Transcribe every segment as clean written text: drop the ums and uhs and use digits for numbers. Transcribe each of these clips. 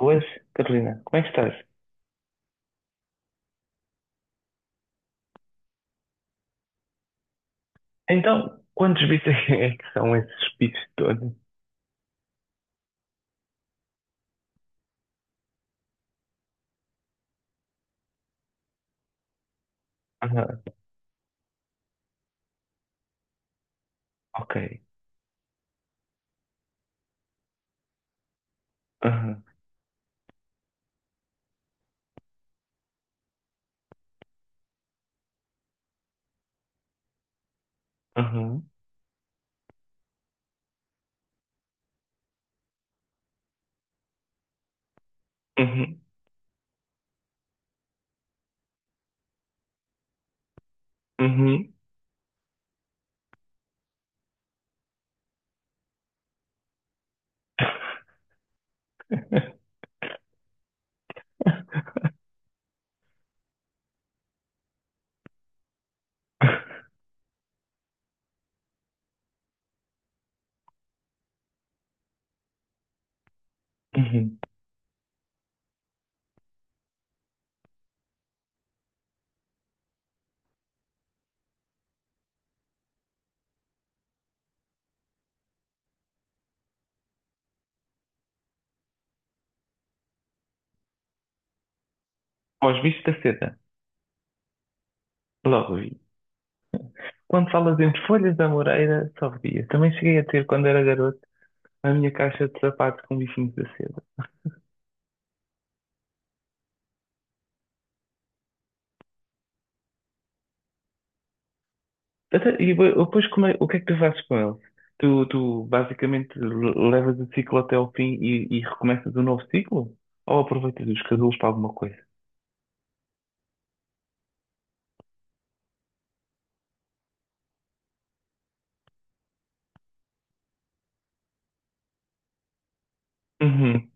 Boas, Carolina, como é que estás? Então, quantos bits é que são esses bits todos? Ah, ok. Aham, aham, uhum, uhum, uhum. Aos bichos da seda, logo vi. Quando falas entre folhas da moreira, só via. Também cheguei a ter, quando era garoto, a minha caixa de sapatos com bichinhos da seda. Depois, o que é que tu fazes com eles? Tu basicamente levas o ciclo até ao fim e recomeças um novo ciclo? Ou aproveitas os casulos para alguma coisa? Uhum.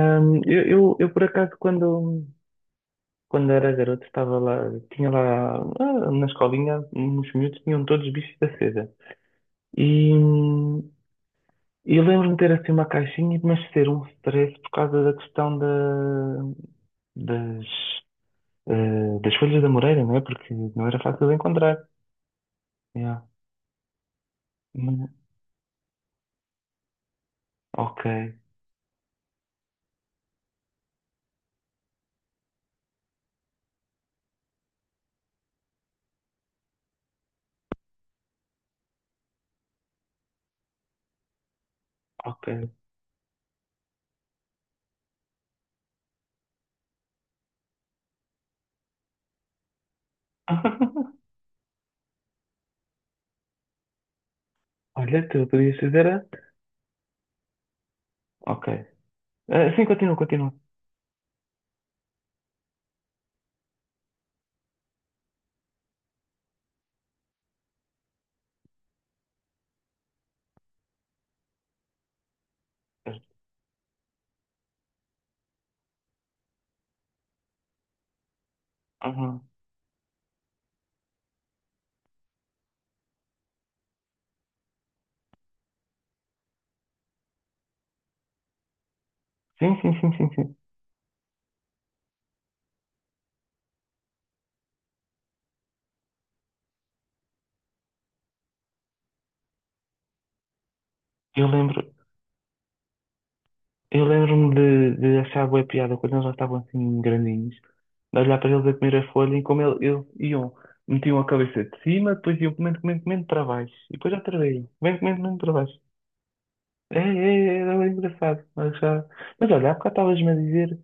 Eu por acaso, quando era garoto, estava lá, tinha lá, na escolinha, uns miúdos tinham todos bichos da seda. E, eu lembro-me de ter assim uma caixinha, mas ser um stress por causa da questão da, das, eh, das folhas da Moreira, não é? Porque não era fácil de encontrar. Yeah. Hum. Ok, ok. Olha, tu podias Ok. Ah, sim, continua, continua. Uhum. Sim, sim, sim, sim, sim. Eu lembro, Eu lembro-me de achar boa piada quando eles já estavam assim grandinhos, de olhar para eles a comer a folha e eles iam, metiam a cabeça de cima, depois iam comendo, comendo, comendo para baixo, e depois outra vez, comendo, comendo, comendo para baixo. É, é, é, era bem engraçado. Mas, já... mas olha, há bocado estavas-me a dizer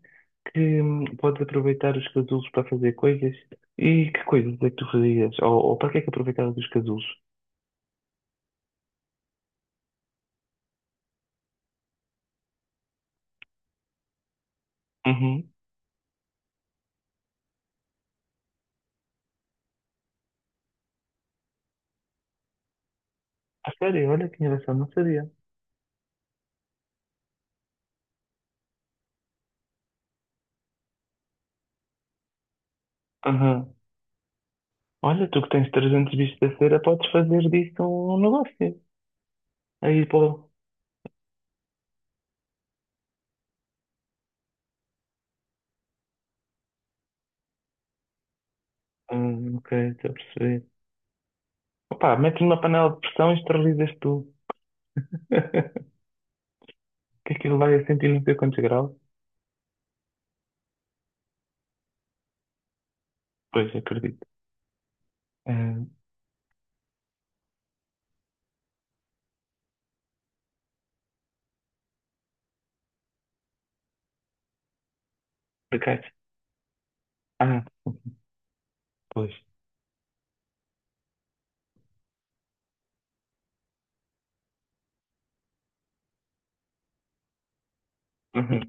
que podes aproveitar os casulos para fazer coisas, e que coisas é que tu fazias? Ou para que é que aproveitavas os casulos? Uhum. A sério, olha que engraçado, não sabia. Olha, tu que tens 300 bichos da cera, podes fazer disso um negócio. Aí, pô. Ok, estou a perceber. Opa, metes numa panela de pressão e esterilizas tu. Que aquilo vai a sentir não sei quantos graus. Pois, acredito. Hum, por acaso. Ah, pois. Uhum,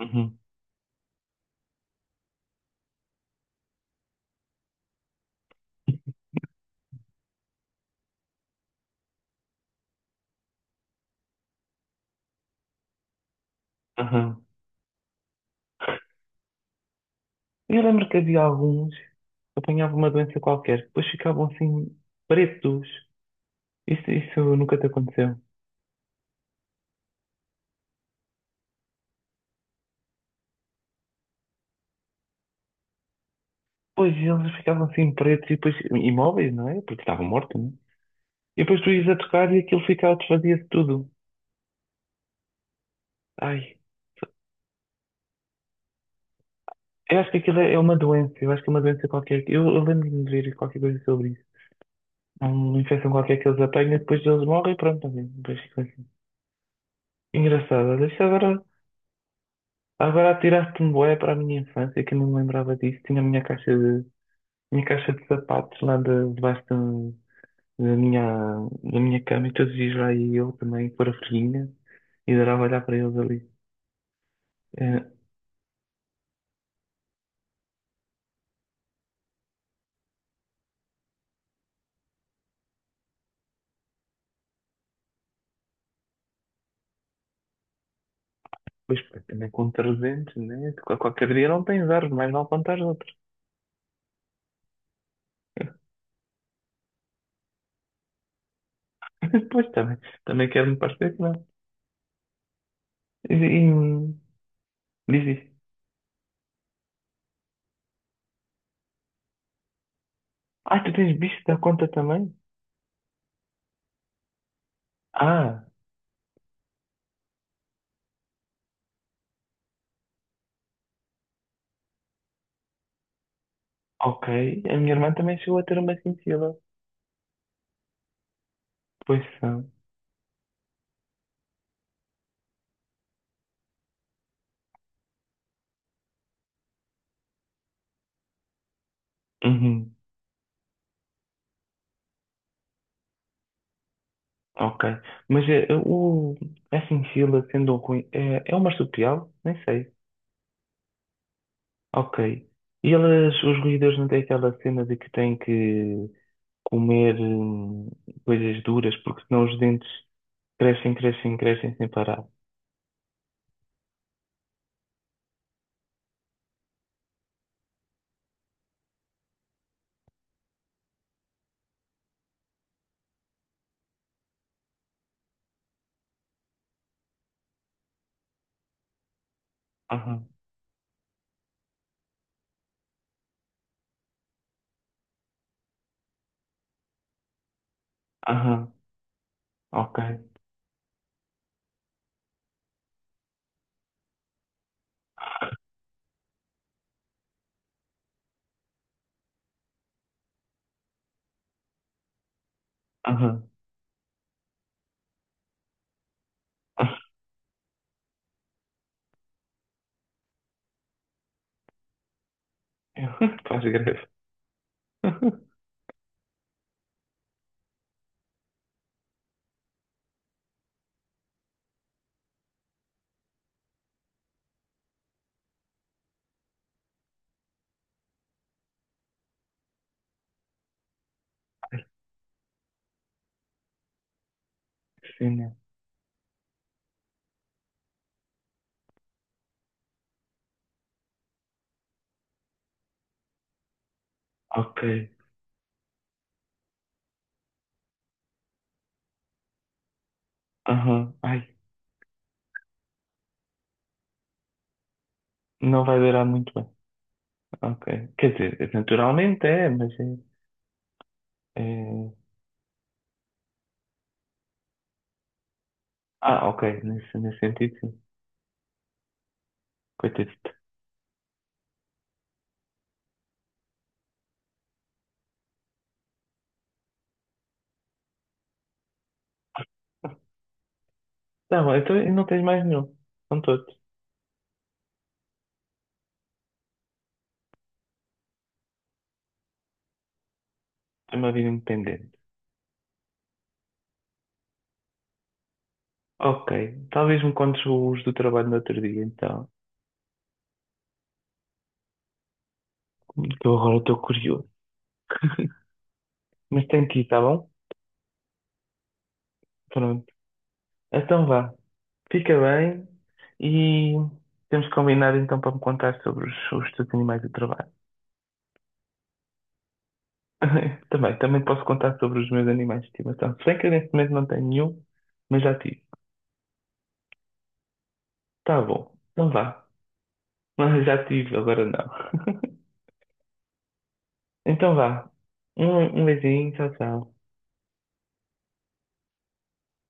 uhum, uhum. Eu lembro que havia alguns que apanhavam uma doença qualquer, depois ficavam assim pretos. Isso nunca te aconteceu? Pois, eles ficavam assim pretos e depois imóveis, não é? Porque estavam mortos. E depois tu ias a tocar e aquilo ficava, desfazia-se tudo. Ai, eu acho que aquilo é uma doença, eu acho que é uma doença qualquer. Eu lembro-me de ver qualquer coisa sobre isso. É uma infecção qualquer que eles apanham, depois eles morrem e pronto, também. Depois ficam assim. Engraçado, olha, agora atiraste-me bué para a minha infância, que eu não me lembrava disso. Tinha a minha minha caixa de sapatos lá debaixo da minha, da minha cama e todos os dias lá ia eu também, pôr a folhinha e adorava olhar para eles ali. Eh, pois, pá, também com 300, né? Qualquer dia não tens árvore, mais mal plantar outras. Pois, também, também quero-me parecer que não. E, e- diz isso. Ah, tu tens bicho da conta também? Ah, ok. A minha irmã também chegou a ter uma cintila. Pois são. Uhum, ok. Mas a cintila, sendo um ruim, é uma marsupial? Nem sei. Ok. E elas, os ruídos não têm aquela cena de que têm que comer coisas duras, porque senão os dentes crescem, crescem, crescem sem parar. Aham, aham, ok, aham, faz greve. Sim, né? Ok, aham, ai, não vai durar muito bem. Ok, quer dizer, naturalmente é, mas é. é- Ah, ok, nesse, nesse sentido, sim. Coitadito. Tá bom, então e não tens mais nenhum. São todos. Tem uma vida independente. Ok, talvez me contes os do trabalho no outro dia, então. Que eu agora estou curioso. Mas tem que ir, tá bom? Pronto. Então vá. Fica bem e temos combinado então para me contar sobre os teus animais de trabalho. Também, também posso contar sobre os meus animais de estimação. Se bem que eu neste momento não tenho nenhum, mas já tive. Tá bom. Então vá. Mas já tive, agora não. Então vá. Um beijinho, tchau, tchau.